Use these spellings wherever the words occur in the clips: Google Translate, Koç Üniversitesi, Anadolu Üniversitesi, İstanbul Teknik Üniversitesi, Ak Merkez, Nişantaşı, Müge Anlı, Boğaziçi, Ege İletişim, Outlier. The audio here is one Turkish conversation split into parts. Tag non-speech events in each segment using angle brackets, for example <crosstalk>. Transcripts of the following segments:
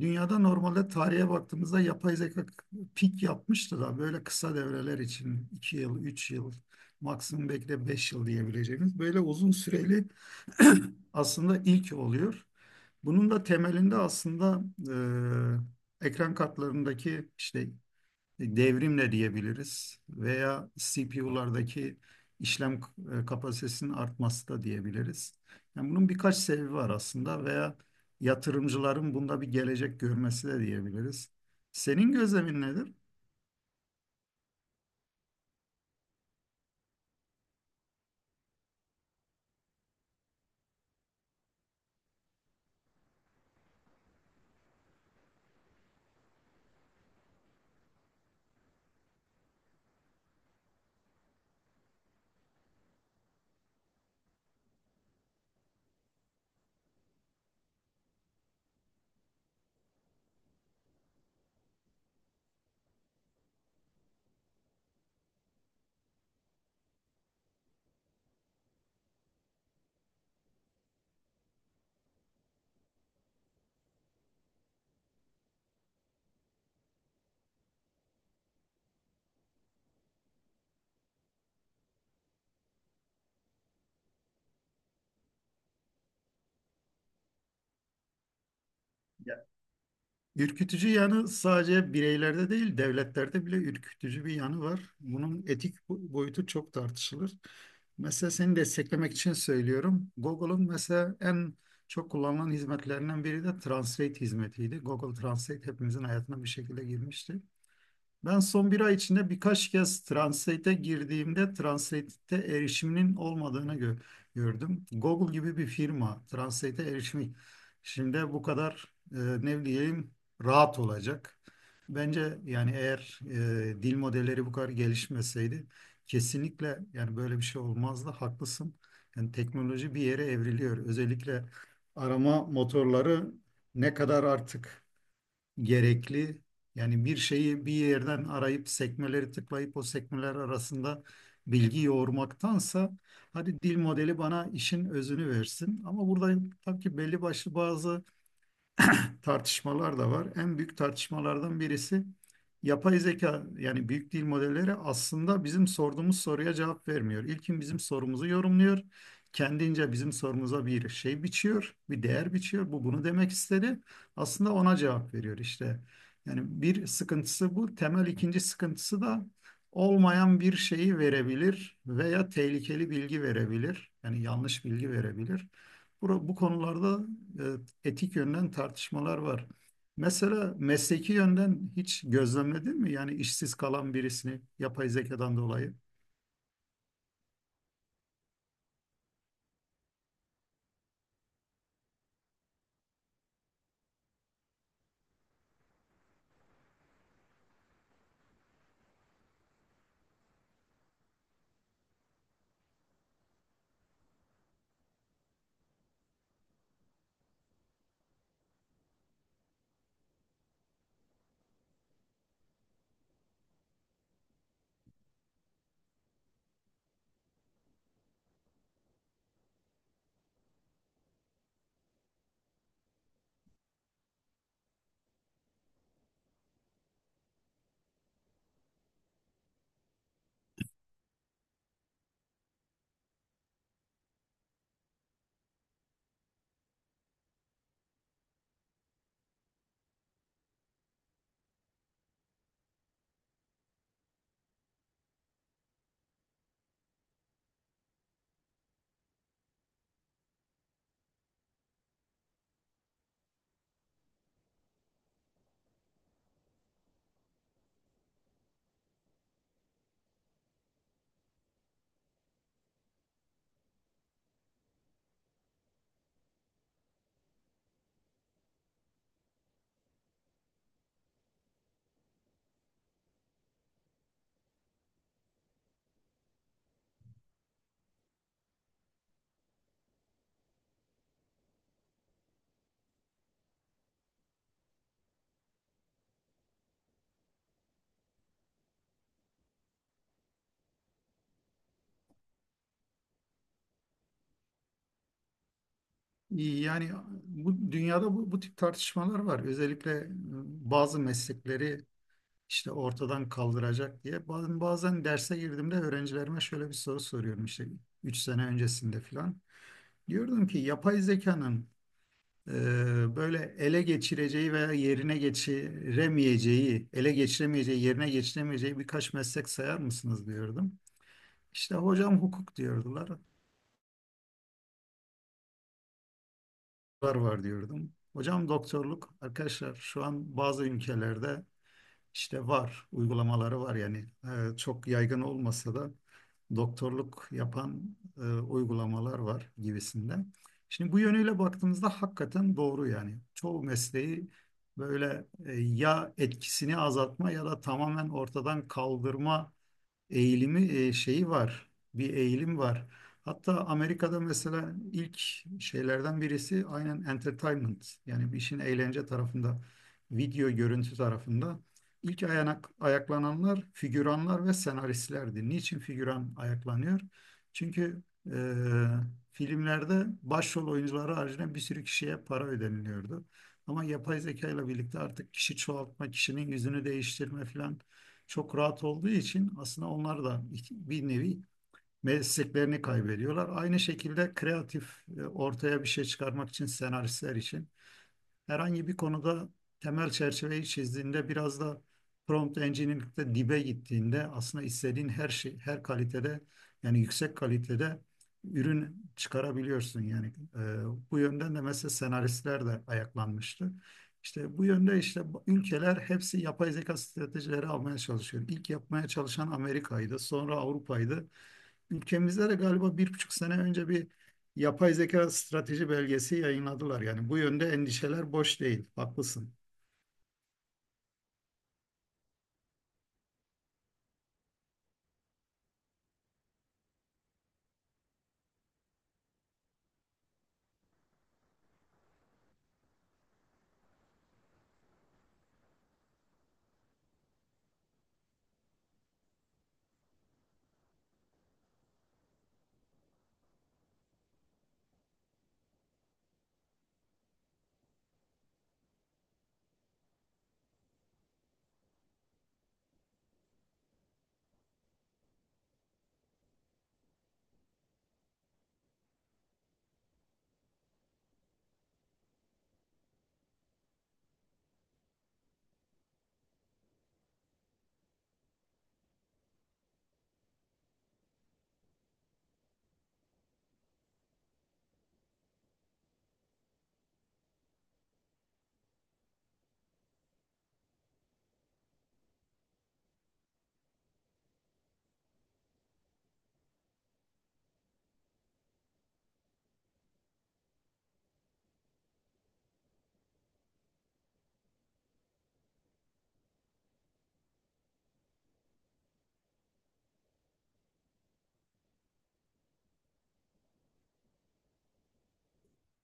Dünyada normalde tarihe baktığımızda yapay zeka pik yapmıştı da böyle kısa devreler için 2 yıl, 3 yıl, maksimum belki de 5 yıl diyebileceğimiz böyle uzun süreli <clears throat> aslında ilk oluyor. Bunun da temelinde aslında ekran kartlarındaki işte devrimle diyebiliriz veya CPU'lardaki işlem kapasitesinin artması da diyebiliriz. Yani bunun birkaç sebebi var aslında veya yatırımcıların bunda bir gelecek görmesi de diyebiliriz. Senin gözlemin nedir? Ürkütücü yanı sadece bireylerde değil, devletlerde bile ürkütücü bir yanı var. Bunun boyutu çok tartışılır. Mesela seni desteklemek için söylüyorum. Google'un mesela en çok kullanılan hizmetlerinden biri de Translate hizmetiydi. Google Translate hepimizin hayatına bir şekilde girmişti. Ben son bir ay içinde birkaç kez Translate'e girdiğimde Translate'te erişiminin olmadığını gördüm. Google gibi bir firma Translate'e erişimi şimdi bu kadar ne diyeyim rahat olacak. Bence yani eğer dil modelleri bu kadar gelişmeseydi kesinlikle yani böyle bir şey olmazdı. Haklısın. Yani teknoloji bir yere evriliyor. Özellikle arama motorları ne kadar artık gerekli. Yani bir şeyi bir yerden arayıp sekmeleri tıklayıp o sekmeler arasında bilgi yoğurmaktansa hadi dil modeli bana işin özünü versin. Ama burada tabii ki belli başlı bazı tartışmalar da var. En büyük tartışmalardan birisi yapay zeka yani büyük dil modelleri aslında bizim sorduğumuz soruya cevap vermiyor. İlkin bizim sorumuzu yorumluyor. Kendince bizim sorumuza bir şey biçiyor, bir değer biçiyor. Bu bunu demek istedi. Aslında ona cevap veriyor işte. Yani bir sıkıntısı bu. Temel ikinci sıkıntısı da olmayan bir şeyi verebilir veya tehlikeli bilgi verebilir. Yani yanlış bilgi verebilir. Bu konularda etik yönden tartışmalar var. Mesela mesleki yönden hiç gözlemledin mi? Yani işsiz kalan birisini yapay zekadan dolayı. Yani bu dünyada bu tip tartışmalar var. Özellikle bazı meslekleri işte ortadan kaldıracak diye. Bazen derse girdiğimde öğrencilerime şöyle bir soru soruyorum işte 3 sene öncesinde falan. Diyordum ki yapay zekanın böyle ele geçireceği veya yerine geçiremeyeceği, ele geçiremeyeceği, yerine geçiremeyeceği birkaç meslek sayar mısınız diyordum. İşte hocam hukuk diyordular, var var diyordum. Hocam doktorluk, arkadaşlar şu an bazı ülkelerde İşte var, uygulamaları var yani. Çok yaygın olmasa da doktorluk yapan uygulamalar var gibisinden. Şimdi bu yönüyle baktığımızda hakikaten doğru yani. Çoğu mesleği böyle ya etkisini azaltma ya da tamamen ortadan kaldırma eğilimi şeyi var. Bir eğilim var. Hatta Amerika'da mesela ilk şeylerden birisi aynen entertainment. Yani bir işin eğlence tarafında, video görüntü tarafında ayaklananlar figüranlar ve senaristlerdi. Niçin figüran ayaklanıyor? Çünkü e, filmlerde başrol oyuncuları haricinde bir sürü kişiye para ödeniliyordu. Ama yapay zeka ile birlikte artık kişi çoğaltma, kişinin yüzünü değiştirme filan çok rahat olduğu için aslında onlar da bir nevi mesleklerini kaybediyorlar. Aynı şekilde kreatif ortaya bir şey çıkarmak için senaristler için herhangi bir konuda temel çerçeveyi çizdiğinde biraz da prompt engineering'de dibe gittiğinde aslında istediğin her şey her kalitede yani yüksek kalitede ürün çıkarabiliyorsun yani e, bu yönden de mesela senaristler de ayaklanmıştı. İşte bu yönde işte ülkeler hepsi yapay zeka stratejileri almaya çalışıyor. İlk yapmaya çalışan Amerika'ydı, sonra Avrupa'ydı. Ülkemizde de galiba bir buçuk sene önce bir yapay zeka strateji belgesi yayınladılar. Yani bu yönde endişeler boş değil. Haklısın.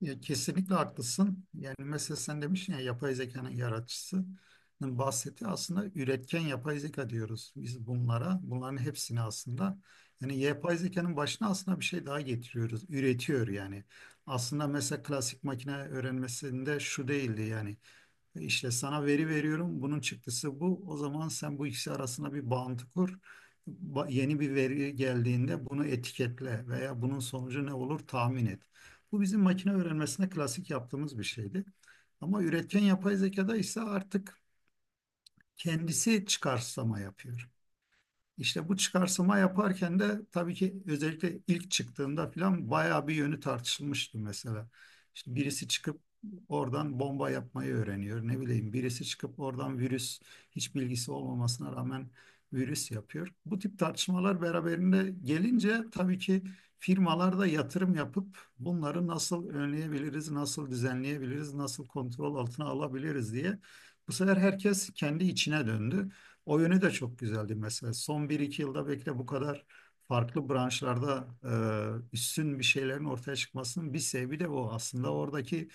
Ya, kesinlikle haklısın. Yani mesela sen demiştin ya yapay zekanın yaratıcısının bahsettiği aslında üretken yapay zeka diyoruz biz bunlara. Bunların hepsini aslında yani yapay zekanın başına aslında bir şey daha getiriyoruz. Üretiyor yani. Aslında mesela klasik makine öğrenmesinde şu değildi yani. İşte sana veri veriyorum. Bunun çıktısı bu. O zaman sen bu ikisi arasında bir bağıntı kur. Yeni bir veri geldiğinde bunu etiketle veya bunun sonucu ne olur tahmin et. Bu bizim makine öğrenmesinde klasik yaptığımız bir şeydi. Ama üretken yapay zekada ise artık kendisi çıkarsama yapıyor. İşte bu çıkarsıma yaparken de tabii ki özellikle ilk çıktığında falan bayağı bir yönü tartışılmıştı mesela. İşte birisi çıkıp oradan bomba yapmayı öğreniyor. Ne bileyim birisi çıkıp oradan virüs hiç bilgisi olmamasına rağmen virüs yapıyor. Bu tip tartışmalar beraberinde gelince tabii ki firmalar da yatırım yapıp bunları nasıl önleyebiliriz, nasıl düzenleyebiliriz, nasıl kontrol altına alabiliriz diye bu sefer herkes kendi içine döndü. O yönü de çok güzeldi mesela. Son bir iki yılda belki de bu kadar farklı branşlarda üstün bir şeylerin ortaya çıkmasının bir sebebi de o. Aslında oradaki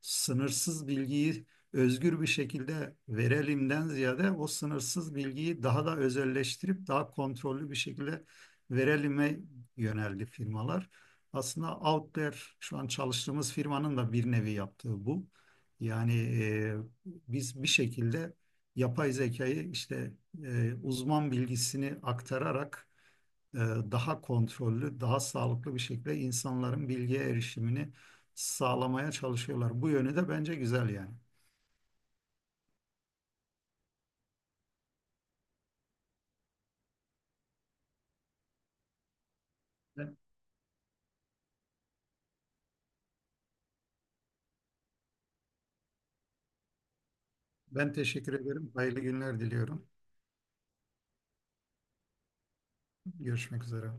sınırsız bilgiyi özgür bir şekilde verelimden ziyade o sınırsız bilgiyi daha da özelleştirip daha kontrollü bir şekilde verelime yöneldi firmalar. Aslında Outlier şu an çalıştığımız firmanın da bir nevi yaptığı bu. Yani e, biz bir şekilde yapay zekayı işte uzman bilgisini aktararak daha kontrollü, daha sağlıklı bir şekilde insanların bilgiye erişimini sağlamaya çalışıyorlar. Bu yönü de bence güzel yani. Ben, ben teşekkür ederim. Hayırlı günler diliyorum. Görüşmek üzere.